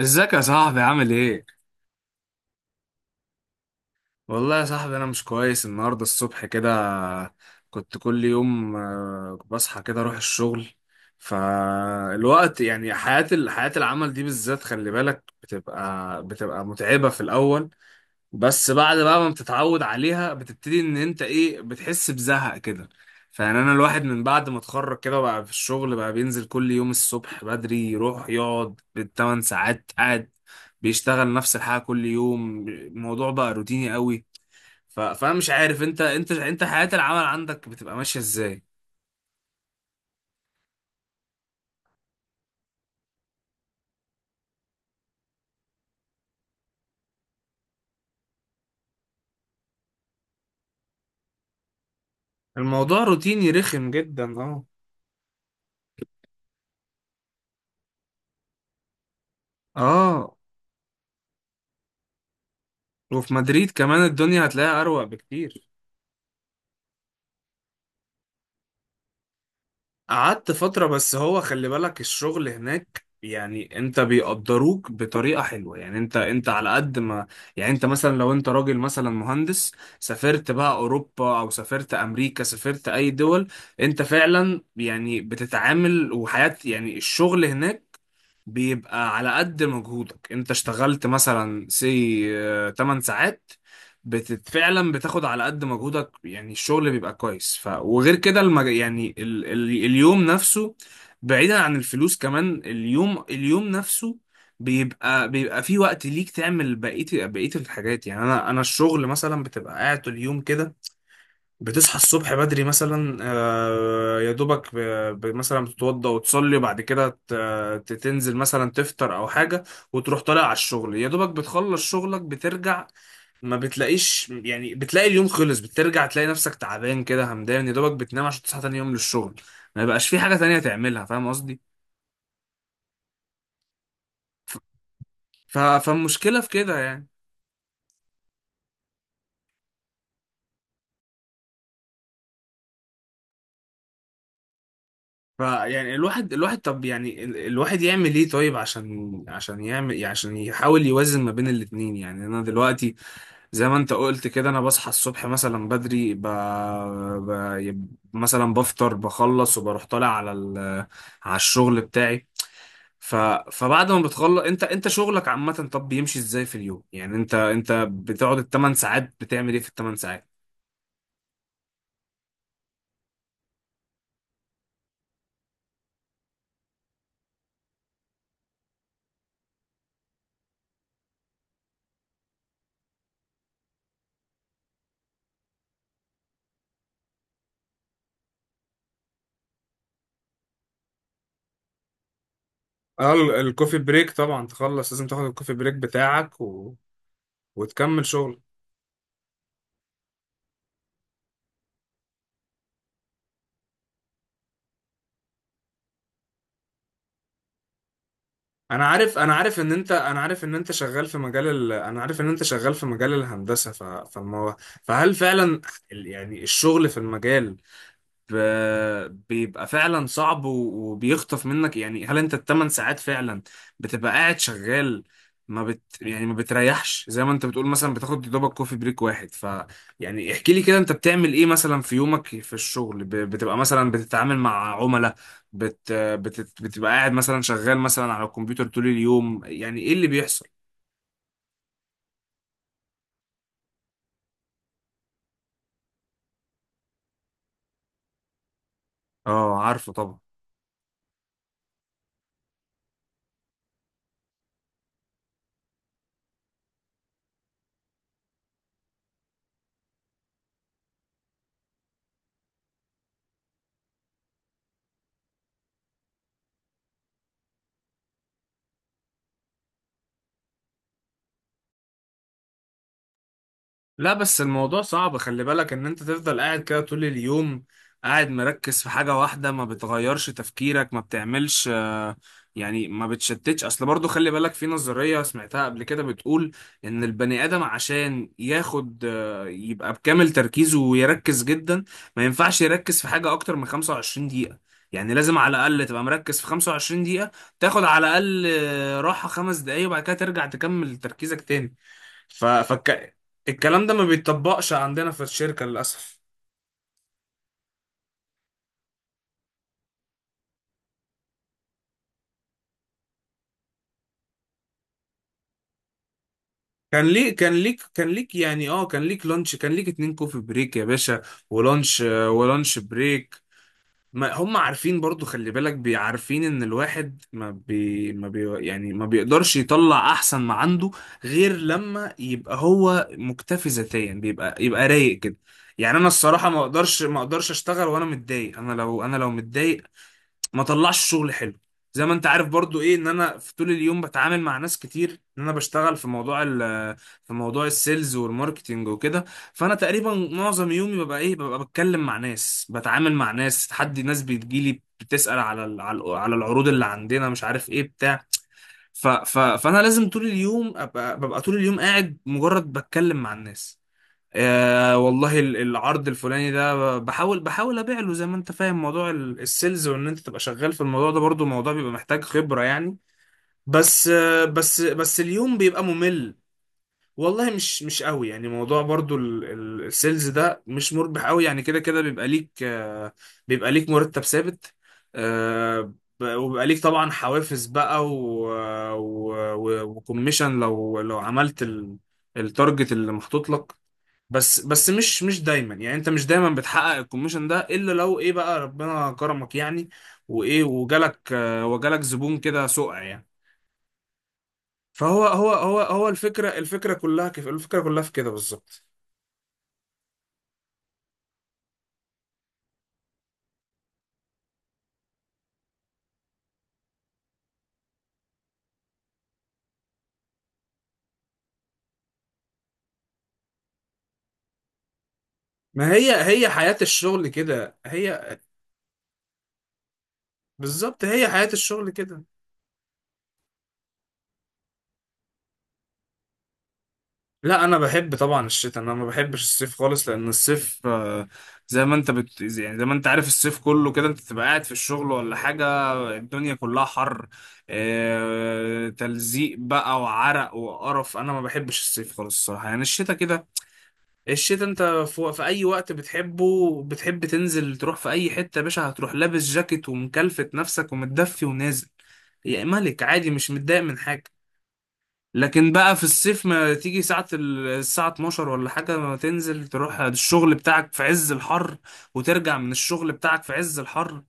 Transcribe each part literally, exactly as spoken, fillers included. ازيك يا صاحبي، عامل ايه؟ والله يا صاحبي، انا مش كويس النهارده الصبح كده. كنت كل يوم آه، بصحى كده اروح الشغل. فالوقت يعني، حياة ال- حياة العمل دي بالذات، خلي بالك بتبقى بتبقى متعبة في الاول. بس بعد بقى ما بتتعود عليها، بتبتدي ان انت ايه، بتحس بزهق كده. فيعني انا الواحد من بعد ما اتخرج كده، بقى في الشغل بقى بينزل كل يوم الصبح بدري يروح يقعد بالثمان ساعات قاعد بيشتغل نفس الحاجة كل يوم، الموضوع بقى روتيني قوي. ف... فانا مش عارف، انت انت انت حياة العمل عندك بتبقى ماشية ازاي؟ الموضوع روتيني رخم جدا، اه. اه، وفي مدريد كمان الدنيا هتلاقيها اروق بكتير. قعدت فترة، بس هو خلي بالك الشغل هناك يعني انت بيقدروك بطريقة حلوة، يعني انت انت على قد ما، يعني انت مثلا لو انت راجل مثلا مهندس، سافرت بقى اوروبا او سافرت امريكا، سافرت اي دول، انت فعلا يعني بتتعامل وحياة، يعني الشغل هناك بيبقى على قد مجهودك. انت اشتغلت مثلا سي تمانية ساعات، بتت فعلا بتاخد على قد مجهودك، يعني الشغل بيبقى كويس، ف وغير كده المج... يعني ال... ال... اليوم نفسه. بعيدا عن الفلوس كمان، اليوم اليوم نفسه بيبقى بيبقى في وقت ليك تعمل بقية بقية الحاجات. يعني انا انا الشغل مثلا بتبقى قاعد طول اليوم كده. بتصحى الصبح بدري مثلا، آه، يا دوبك ب- ب- مثلا بتتوضى وتصلي، وبعد كده ت- ت- تنزل مثلا تفطر او حاجة، وتروح طالع على الشغل. يا دوبك بتخلص شغلك بترجع، ما بتلاقيش، يعني بتلاقي اليوم خلص، بترجع تلاقي نفسك تعبان كده همدان، يا دوبك بتنام عشان تصحى تاني يوم للشغل. ما يبقاش في حاجة تانية تعملها، فاهم قصدي؟ ف- فالمشكلة في كده يعني. فيعني الواحد الواحد طب يعني ال- الواحد يعمل ايه طيب؟ عشان عشان يعمل، عشان يحاول يوازن ما بين الاتنين. يعني انا دلوقتي، زي ما انت قلت كده، انا بصحى الصبح مثلا بدري، ب... ب... يب- مثلا بفطر بخلص، وبروح طالع على ال... على الشغل بتاعي. ف... فبعد ما بتخلص انت انت شغلك عامة، طب بيمشي ازاي في اليوم؟ يعني انت انت بتقعد الثمان ساعات بتعمل ايه في الثمان ساعات؟ اه، ال- الكوفي بريك طبعا، تخلص لازم تاخد الكوفي بريك بتاعك و... وتكمل شغل. انا عارف انا عارف ان انت انا عارف ان انت شغال في مجال ال... انا عارف ان انت شغال في مجال الهندسة. ف... فما فهل فعلا ال- يعني الشغل في المجال ب- بيبقى فعلا صعب و- وبيخطف منك؟ يعني هل انت الثمان ساعات فعلا بتبقى قاعد شغال؟ ما بت يعني ما بتريحش، زي ما انت بتقول مثلا بتاخد دوبك كوفي بريك واحد. ف يعني احكي لي كده، انت بتعمل ايه مثلا في يومك في الشغل؟ ب- بتبقى مثلا بتتعامل مع عملاء؟ بت... بت... بتبقى قاعد مثلا شغال مثلا على الكمبيوتر طول اليوم؟ يعني ايه اللي بيحصل؟ اه، عارفه طبعا. لا بس الموضوع صعب، خلي بالك ان انت تفضل قاعد كده طول اليوم، قاعد مركز في حاجة واحدة، ما بتغيرش تفكيرك، ما بتعملش آه، يعني ما بتشتتش اصل. برضو خلي بالك في نظرية سمعتها قبل كده، بتقول ان البني ادم عشان ياخد، آه، يبقى بكامل تركيزه ويركز جدا، ما ينفعش يركز في حاجة اكتر من خمسة وعشرين دقيقة. يعني لازم على الاقل تبقى مركز في خمسة وعشرين دقيقة، تاخد على الاقل آه، راحة خمس دقايق، وبعد كده ترجع تكمل تركيزك تاني. ف... فك... الكلام ده ما بيتطبقش عندنا في الشركة، للأسف. كان ليك كان ليك كان ليك يعني، اه، كان ليك لانش، كان ليك اتنين كوفي بريك يا باشا، ولانش، ولانش بريك. ما هم عارفين، برضو خلي بالك بيعرفين ان الواحد ما بي ما بي يعني ما بيقدرش يطلع احسن ما عنده، غير لما يبقى هو مكتفي ذاتيا، بيبقى يبقى رايق كده. يعني انا الصراحة ما اقدرش ما اقدرش اشتغل وانا متضايق. انا لو انا لو متضايق، ما طلعش شغل حلو. زي ما انت عارف برضو، ايه، ان انا في طول اليوم بتعامل مع ناس كتير، ان انا بشتغل في موضوع ال في موضوع السيلز والماركتينج وكده. فانا تقريبا معظم يومي ببقى ايه، ببقى بتكلم مع ناس، بتعامل مع ناس، حد ناس بتجيلي بتسأل على ال- على ال- على العروض اللي عندنا، مش عارف ايه بتاع. ف ف فانا لازم طول اليوم ابقى ببقى طول اليوم قاعد مجرد بتكلم مع الناس، آه والله، ال- العرض الفلاني ده، بحاول بحاول ابيع له. زي ما انت فاهم موضوع ال- السيلز، وان انت تبقى شغال في الموضوع ده، برضو موضوع بيبقى محتاج خبرة يعني. بس، آه بس بس اليوم بيبقى ممل. والله مش مش قوي، يعني موضوع برضو ال- ال- السيلز ده مش مربح قوي. يعني كده كده بيبقى ليك، آه بيبقى ليك مرتب ثابت. آه ب- وبيبقى ليك طبعا حوافز بقى و- و- و- وكوميشن لو لو عملت ال- التارجت اللي محطوط لك. بس بس مش مش دايما، يعني انت مش دايما بتحقق الكوميشن ده، الا لو ايه بقى ربنا كرمك يعني، وايه وجالك، آه، وجالك زبون كده سقع يعني. فهو، هو هو هو الفكره الفكره كلها كيف، الفكره كلها في كده بالظبط. ما هي هي حياه الشغل كده، هي بالظبط هي حياه الشغل كده. لا، انا بحب طبعا الشتاء. انا ما بحبش الصيف خالص، لان الصيف، آه، زي ما انت بت... يعني زي ما انت عارف، الصيف كله كده انت تبقى قاعد في الشغل ولا حاجه، الدنيا كلها حر، آه، تلزيق بقى وعرق وقرف. انا ما بحبش الصيف خالص الصراحه، يعني الشتاء كده. الشتاء انت في... في اي وقت بتحبه، بتحب تنزل تروح في اي حته يا باشا، هتروح لابس جاكيت ومكلفت نفسك ومتدفي ونازل يا ملك، عادي مش متضايق من حاجه. لكن بقى في الصيف، ما تيجي ساعة ال- الساعة اتناشر ولا حاجة، ما تنزل تروح الشغل بتاعك في عز الحر، وترجع من الشغل بتاعك في عز الحر،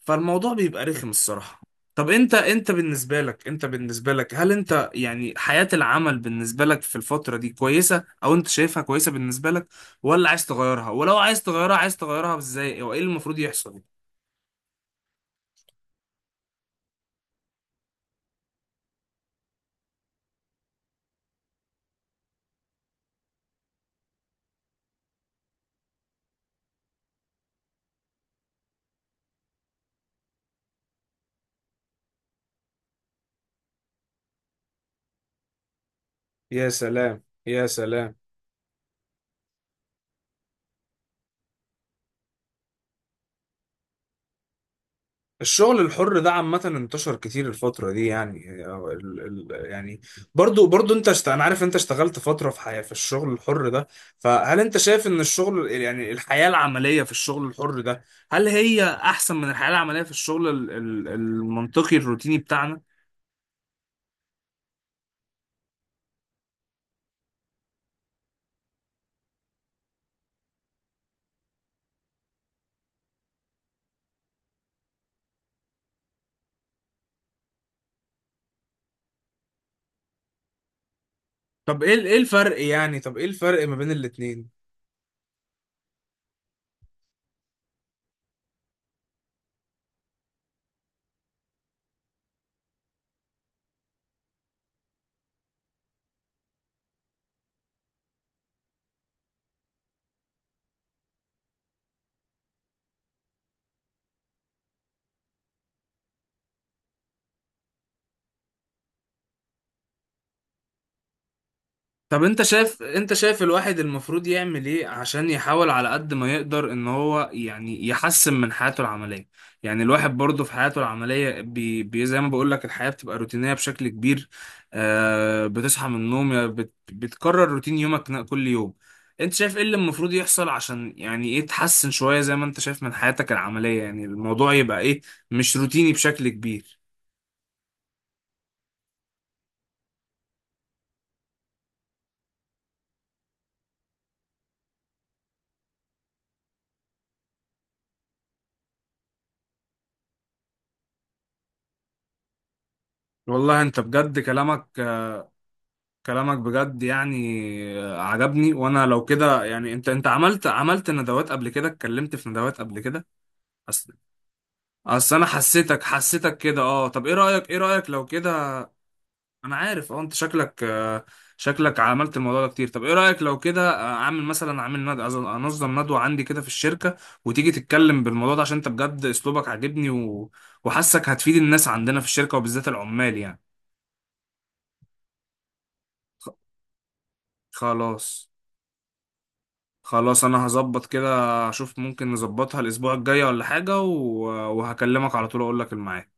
فالموضوع بيبقى رخم الصراحة. طب انت انت بالنسبة لك، انت بالنسبة لك هل انت يعني حياة العمل بالنسبة لك في الفترة دي كويسة، او انت شايفها كويسة بالنسبة لك؟ ولا عايز تغيرها؟ ولو عايز تغيرها عايز تغيرها ازاي، وايه المفروض يحصل؟ يا سلام، يا سلام. الشغل الحر ده عامة انتشر كتير الفترة دي، يعني، أو ال ال يعني برضو برضو انت اشت... انا عارف انت اشتغلت فترة في حياة، في الشغل الحر ده. فهل انت شايف ان الشغل، يعني الحياة العملية في الشغل الحر ده، هل هي احسن من الحياة العملية في الشغل ال ال المنطقي الروتيني بتاعنا؟ طب ايه ال- ايه الفرق يعني؟ طب ايه الفرق ما بين الاتنين؟ طب انت شايف انت شايف الواحد المفروض يعمل ايه عشان يحاول على قد ما يقدر ان هو يعني يحسن من حياته العملية. يعني الواحد برضه في حياته العملية، بي بي زي ما بقول لك الحياة بتبقى روتينية بشكل كبير. آه بتصحى من النوم، يا بت بتكرر روتين يومك ن- كل يوم. انت شايف ايه اللي المفروض يحصل عشان، يعني، ايه، تحسن شوية زي ما انت شايف من حياتك العملية، يعني الموضوع يبقى ايه، مش روتيني بشكل كبير؟ والله انت بجد، كلامك كلامك بجد يعني عجبني. وانا لو كده، يعني انت انت عملت عملت ندوات قبل كده، اتكلمت في ندوات قبل كده. اصل اصل انا حسيتك حسيتك كده. اه، طب ايه رأيك ايه رأيك لو كده؟ انا عارف، اه انت شكلك، آه، شكلك عملت الموضوع ده كتير. طب ايه رأيك لو كده، آه، اعمل مثلا اعمل ند- أز- انظم ندوة عندي كده في الشركة، وتيجي تتكلم بالموضوع ده، عشان انت بجد اسلوبك عاجبني، و... وحاسك هتفيد الناس عندنا في الشركة، وبالذات العمال يعني. خ- خلاص. خلاص، انا هظبط كده، اشوف ممكن نظبطها الاسبوع الجاي ولا حاجة، و... وهكلمك على طول اقول لك الميعاد.